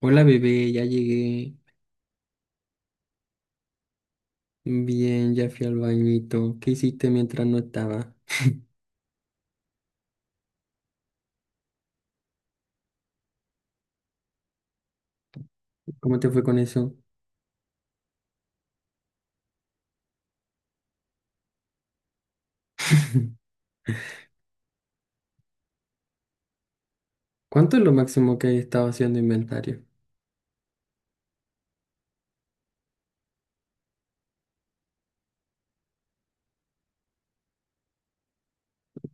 Hola bebé, ya llegué. Bien, ya fui al bañito. ¿Qué hiciste mientras no estaba? ¿Cómo te fue con eso? ¿Cuánto es lo máximo que he estado haciendo inventario?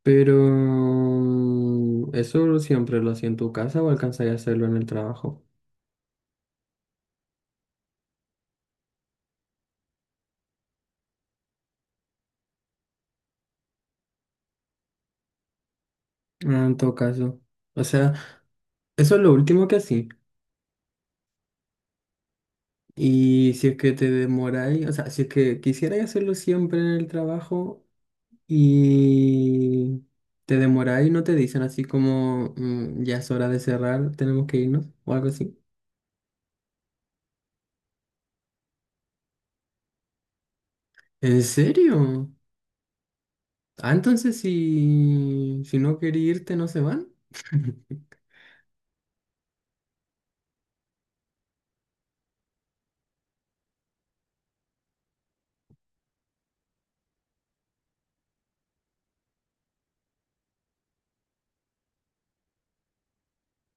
Pero eso siempre lo hacía en tu casa o alcanzaría a hacerlo en el trabajo. Ah, en todo caso. O sea, eso es lo último que hacía. Y si es que te demoráis, o sea, si es que quisierais hacerlo siempre en el trabajo, y te demoráis y no te dicen así como "Mm, ya es hora de cerrar, tenemos que irnos o algo así". ¿En serio? Ah, entonces si no quería irte no se van.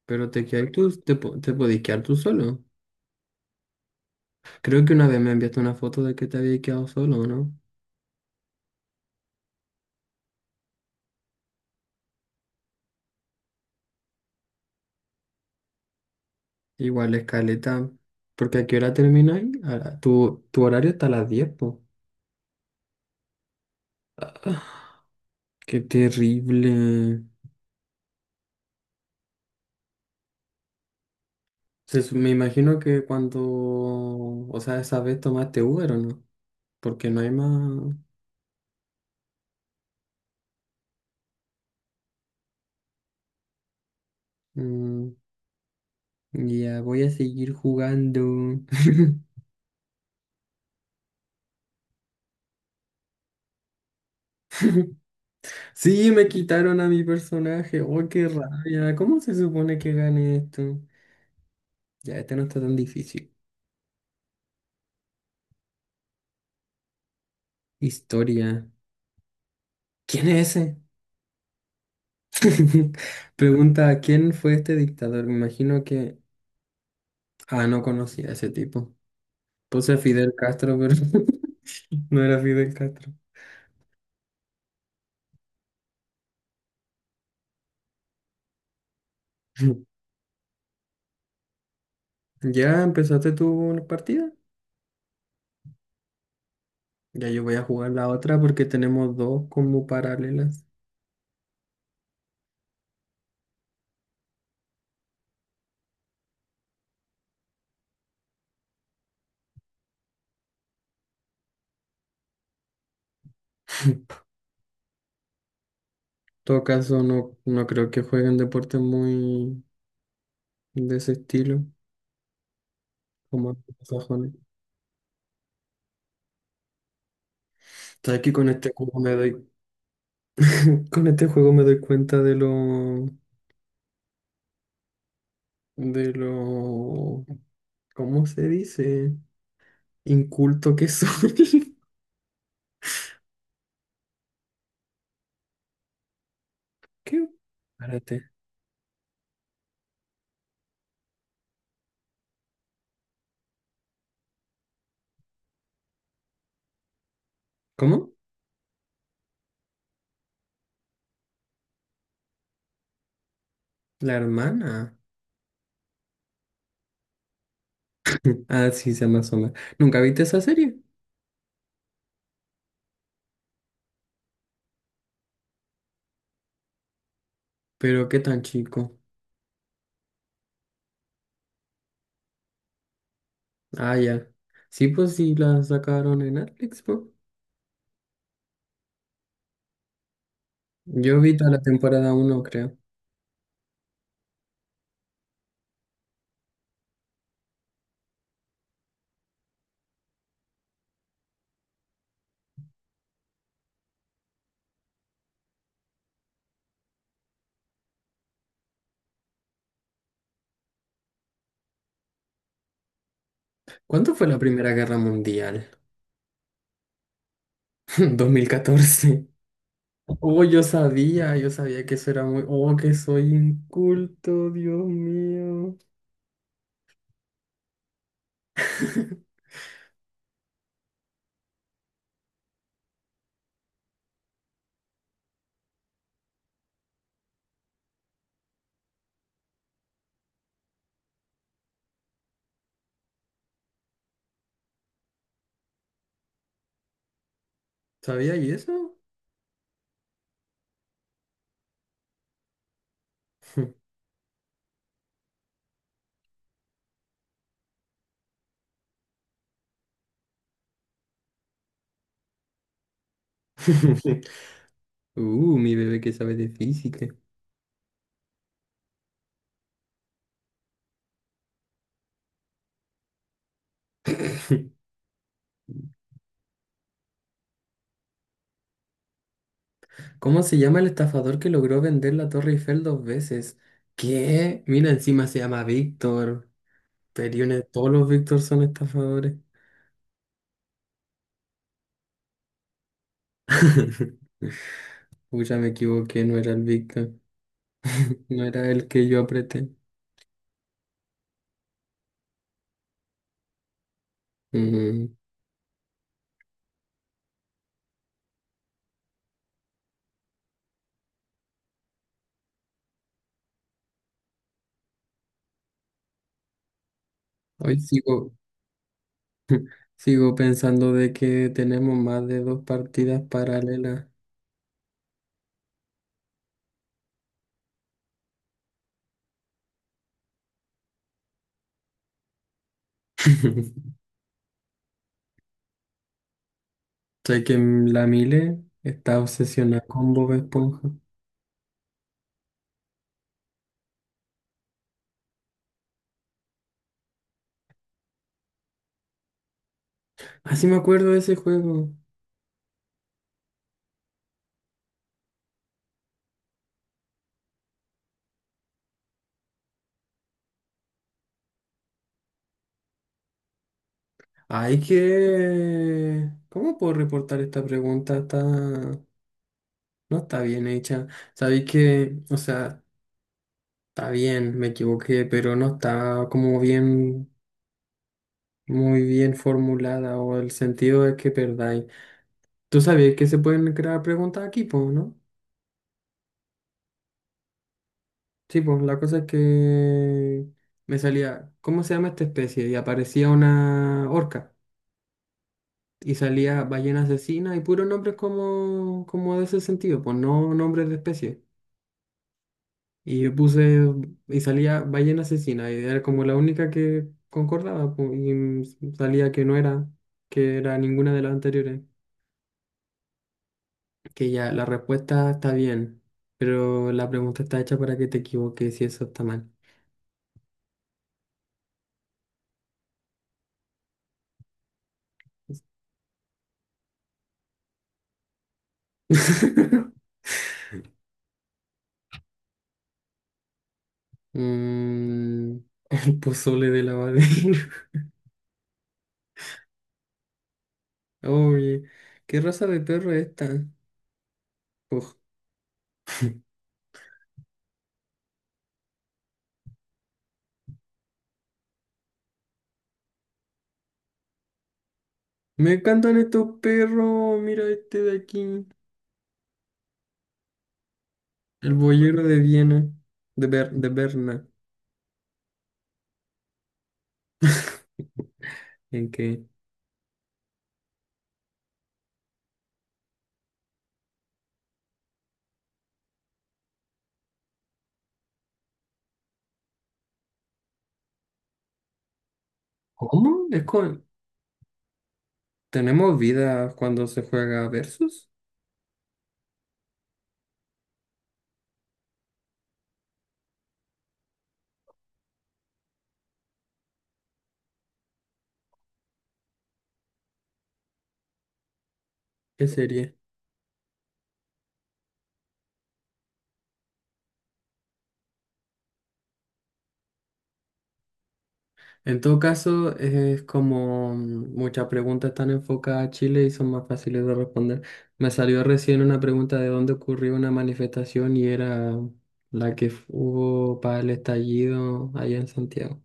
Pero te quedáis tú, te podéis quedar tú solo. Creo que una vez me enviaste una foto de que te habías quedado solo, ¿no? Igual escaleta. ¿Porque a qué hora termináis? Tu horario está a las 10, po. Qué terrible. Me imagino que cuando, o sea, esa vez tomaste Uber o no, porque no hay más. Mm, ya voy a seguir jugando. Sí, me quitaron a mi personaje. Oh, qué rabia. ¿Cómo se supone que gane esto? Ya, este no está tan difícil. Historia. ¿Quién es ese? Pregunta, ¿quién fue este dictador? Me imagino que. Ah, no conocía a ese tipo. Puse a Fidel Castro, pero no era Fidel Castro. Ya empezaste tú una partida. Ya yo voy a jugar la otra porque tenemos dos como paralelas. En todo caso, no, no creo que jueguen deportes muy de ese estilo, como sajones. Sabes que con este juego me doy, con este juego me doy cuenta de lo, de lo, ¿cómo se dice? Inculto que soy. ¿Qué? Espérate. ¿Cómo? La hermana. Ah, sí, se llama asoma. ¿Nunca viste esa serie? Pero qué tan chico. Ah, ya. Sí, pues sí, la sacaron en Netflix, ¿no? Yo vi toda la temporada uno creo. ¿Cuándo fue la Primera Guerra Mundial? 2014. Oh, yo sabía que eso era muy. Oh, que soy inculto, Dios mío. ¿Sabía y eso? Mi bebé que sabe de física. ¿Cómo se llama el estafador que logró vender la Torre Eiffel dos veces? ¿Qué? Mira, encima se llama Víctor. Periones, todos los Víctor son estafadores. Pucha, me equivoqué, no era el Víctor. No era el que yo apreté. Mm, Hoy sigo pensando de que tenemos más de dos partidas paralelas. Sé que la Mile está obsesionada con Bob Esponja. Ah, sí me acuerdo de ese juego. Hay que. ¿Cómo puedo reportar esta pregunta? Está. No está bien hecha. Sabéis que, o sea, está bien, me equivoqué, pero no está como bien, muy bien formulada o el sentido es que perdáis. Tú sabías que se pueden crear preguntas aquí, pues, ¿no? Sí, pues la cosa es que me salía, ¿cómo se llama esta especie? Y aparecía una orca y salía ballena asesina y puros nombres como de ese sentido, pues no nombres de especie. Y yo puse, y salía ballena asesina, y era como la única que concordaba, y salía que no era, que era ninguna de las anteriores. Que ya, la respuesta está bien, pero la pregunta está hecha para que te equivoques y eso está mal. Mm, el pozole de lavadero. Oye, ¿qué raza de perro es esta? Uf, me encantan estos perros. Mira este de aquí. El boyero de Viena. De Berna. ¿En qué? ¿Cómo? ¿Tenemos vida cuando se juega versus? ¿Qué serie? En todo caso, es como muchas preguntas están enfocadas a Chile y son más fáciles de responder. Me salió recién una pregunta de dónde ocurrió una manifestación y era la que hubo para el estallido allá en Santiago.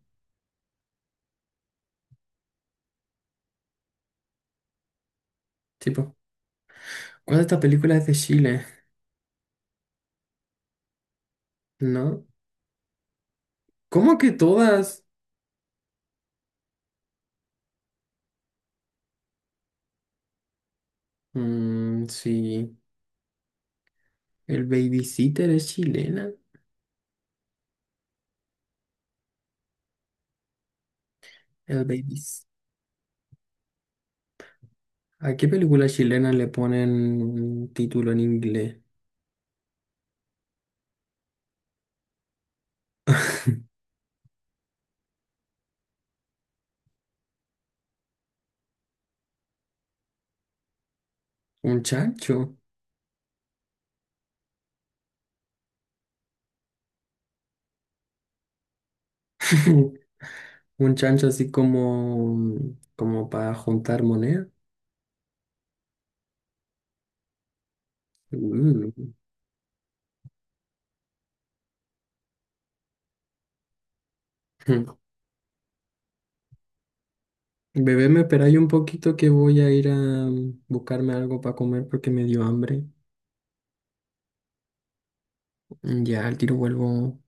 Tipo, ¿cuál de estas películas es de Chile? ¿No? ¿Cómo que todas? Mm, sí. El Babysitter es chilena. El baby. ¿A qué película chilena le ponen un título en inglés? ¿Un chancho? ¿Un chancho así como para juntar moneda? Mm. Bebé, me esperáis un poquito que voy a ir a buscarme algo para comer porque me dio hambre. Ya, al tiro vuelvo.